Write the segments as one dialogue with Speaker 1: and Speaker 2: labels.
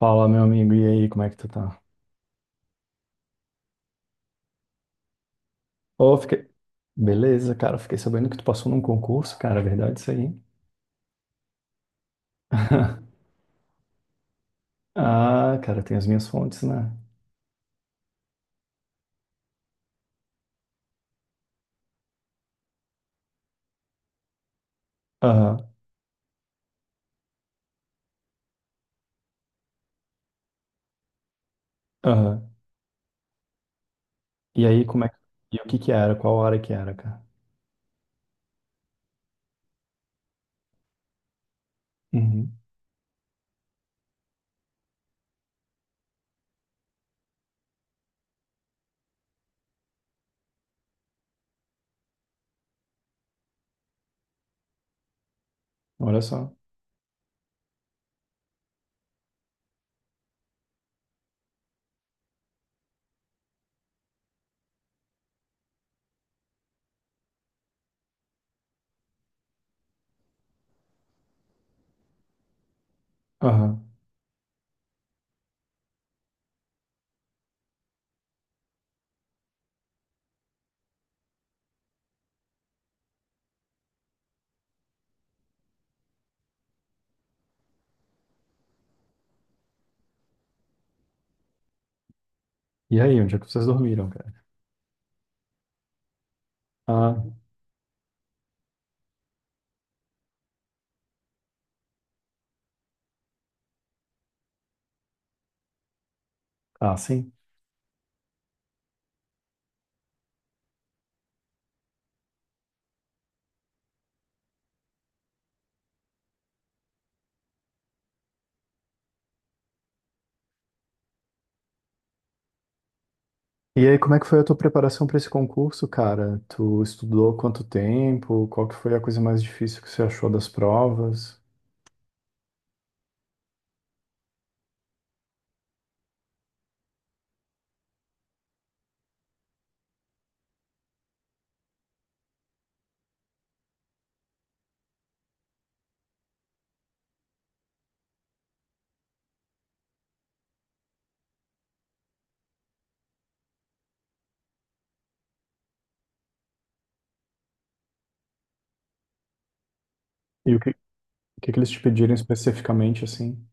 Speaker 1: Fala, meu amigo, e aí, como é que tu tá? Ô, fiquei... Beleza, cara, fiquei sabendo que tu passou num concurso, cara, é verdade isso aí? Hein? Ah, cara, tem as minhas fontes, né? Aham, aham. E aí, como é que... E o que que era? Qual área que era, cara? Uhum. Olha só. Aham. E aí, onde é que vocês dormiram, cara? Ah, ah, sim. E aí, como é que foi a tua preparação para esse concurso, cara? Tu estudou quanto tempo? Qual que foi a coisa mais difícil que você achou das provas? E o que que eles te pediram especificamente, assim?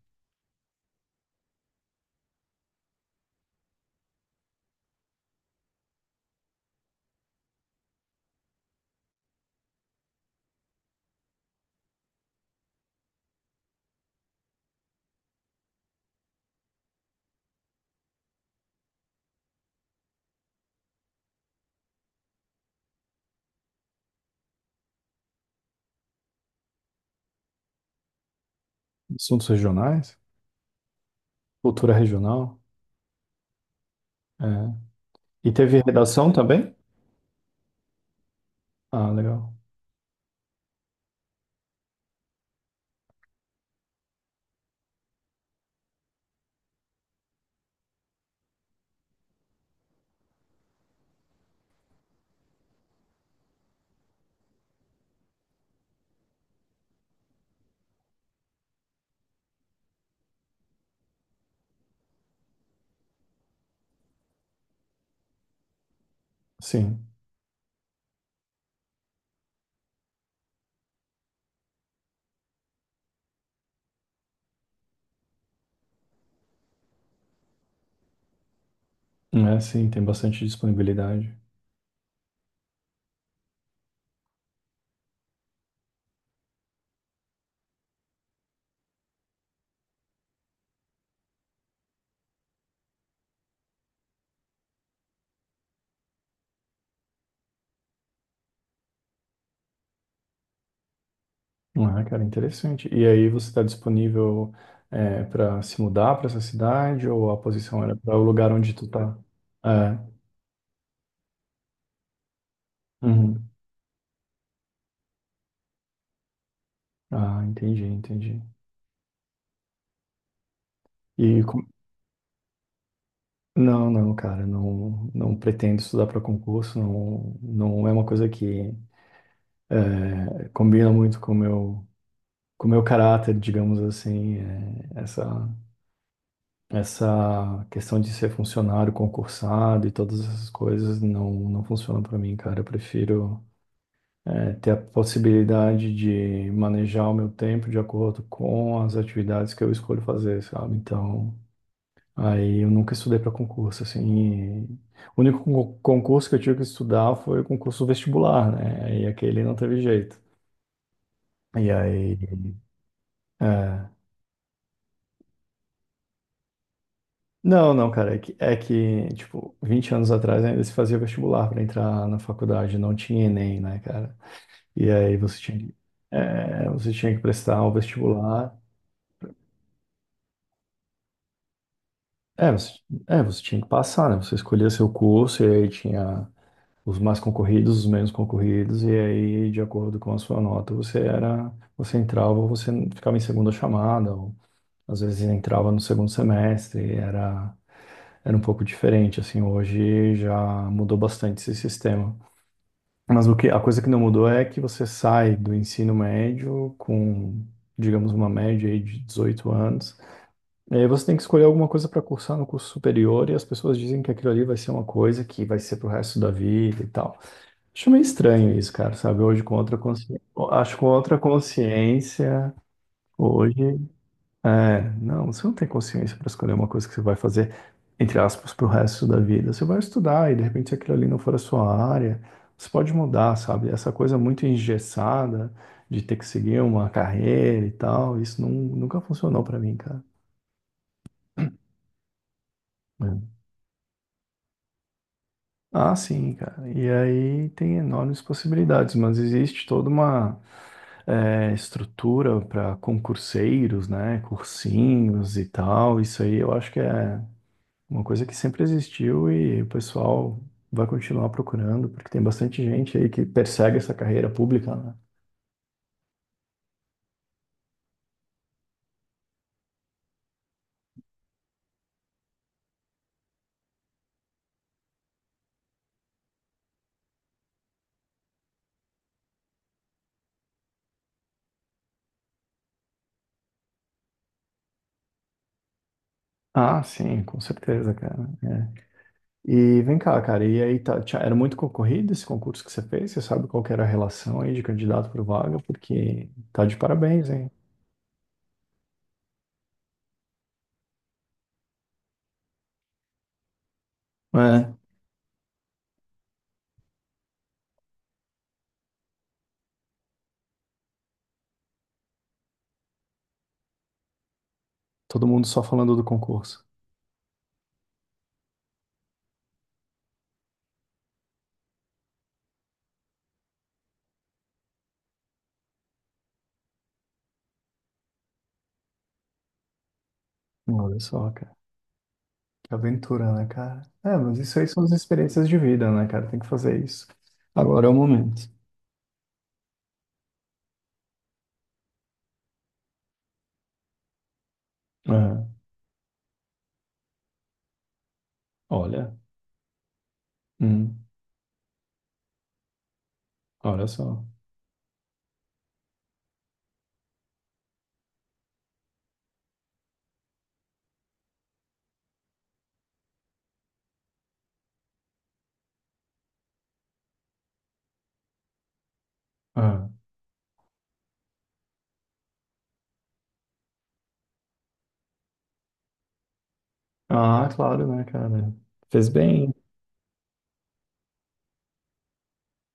Speaker 1: Assuntos regionais? Cultura regional? É. E teve redação também? Ah, legal. Sim. É, sim, tem bastante disponibilidade. Ah, cara, interessante. E aí você está disponível para se mudar para essa cidade ou a posição era para o lugar onde tu tá? É. Uhum. Ah, entendi, entendi. E com- não, não, cara, não, não pretendo estudar para concurso, não, não é uma coisa que é, combina muito com o meu caráter, digamos assim, é, essa questão de ser funcionário, concursado e todas essas coisas não funciona para mim, cara. Eu prefiro é, ter a possibilidade de manejar o meu tempo de acordo com as atividades que eu escolho fazer, sabe? Então, aí eu nunca estudei para concurso, assim. E o único con- concurso que eu tive que estudar foi o concurso vestibular, né? E aquele não teve jeito. E aí, é, não, não, cara, é que, tipo, 20 anos atrás ainda se fazia vestibular para entrar na faculdade, não tinha Enem, né, cara? E aí você tinha, que- é, você tinha que prestar o vestibular. É você, é, você tinha que passar, né? Você escolhia seu curso e aí tinha os mais concorridos, os menos concorridos, e aí, de acordo com a sua nota, você era, você entrava ou você ficava em segunda chamada, ou às vezes entrava no segundo semestre, era, era um pouco diferente, assim, hoje já mudou bastante esse sistema. Mas o que, a coisa que não mudou é que você sai do ensino médio com, digamos, uma média aí de 18 anos. E aí você tem que escolher alguma coisa para cursar no curso superior e as pessoas dizem que aquilo ali vai ser uma coisa que vai ser pro resto da vida e tal. Acho meio estranho isso, cara, sabe? Hoje com outra consciência, acho com outra consciência, hoje é, não, você não tem consciência para escolher uma coisa que você vai fazer, entre aspas, pro resto da vida. Você vai estudar e de repente se aquilo ali não for a sua área, você pode mudar, sabe? Essa coisa muito engessada de ter que seguir uma carreira e tal, isso não, nunca funcionou para mim, cara. É. Ah, sim, cara. E aí tem enormes possibilidades, mas existe toda uma estrutura para concurseiros, né? Cursinhos e tal. Isso aí eu acho que é. Uma coisa que sempre existiu e o pessoal vai continuar procurando, porque tem bastante gente aí que persegue essa carreira pública, né? Ah, sim, com certeza, cara. É. E vem cá, cara, e aí tá, tinha- era muito concorrido esse concurso que você fez? Você sabe qual que era a relação aí de candidato por vaga? Porque tá de parabéns, hein? É, todo mundo só falando do concurso. Olha só, cara, que aventura, né, cara? É, mas isso aí são as experiências de vida, né, cara? Tem que fazer isso. Agora é o momento. É, olha. Hum. Olha só. Ah, ah, claro, né, cara? Fez bem.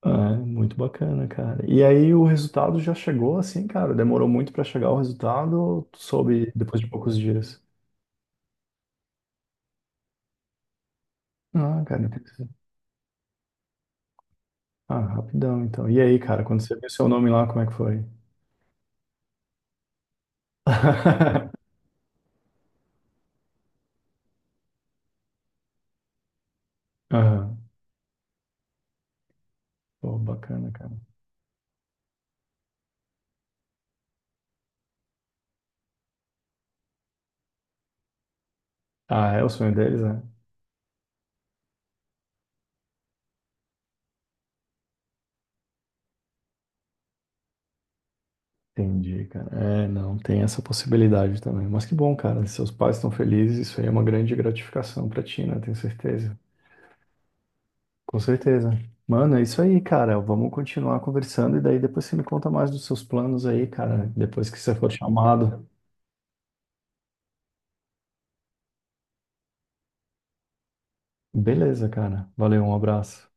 Speaker 1: É, muito bacana, cara. E aí o resultado já chegou assim, cara? Demorou muito pra chegar o resultado ou tu soube depois de poucos dias? Ah, cara, não precisa. Ah, rapidão, então. E aí, cara, quando você viu seu nome lá, como é que foi? Aham. Pô, bacana, cara. Ah, é o sonho deles, né? Entendi, cara. É, não, tem essa possibilidade também. Mas que bom, cara. Seus pais estão felizes, isso aí é uma grande gratificação pra ti, né? Tenho certeza. Com certeza. Mano, é isso aí, cara. Vamos continuar conversando e daí depois você me conta mais dos seus planos aí, cara. Depois que você for chamado. Beleza, cara. Valeu, um abraço.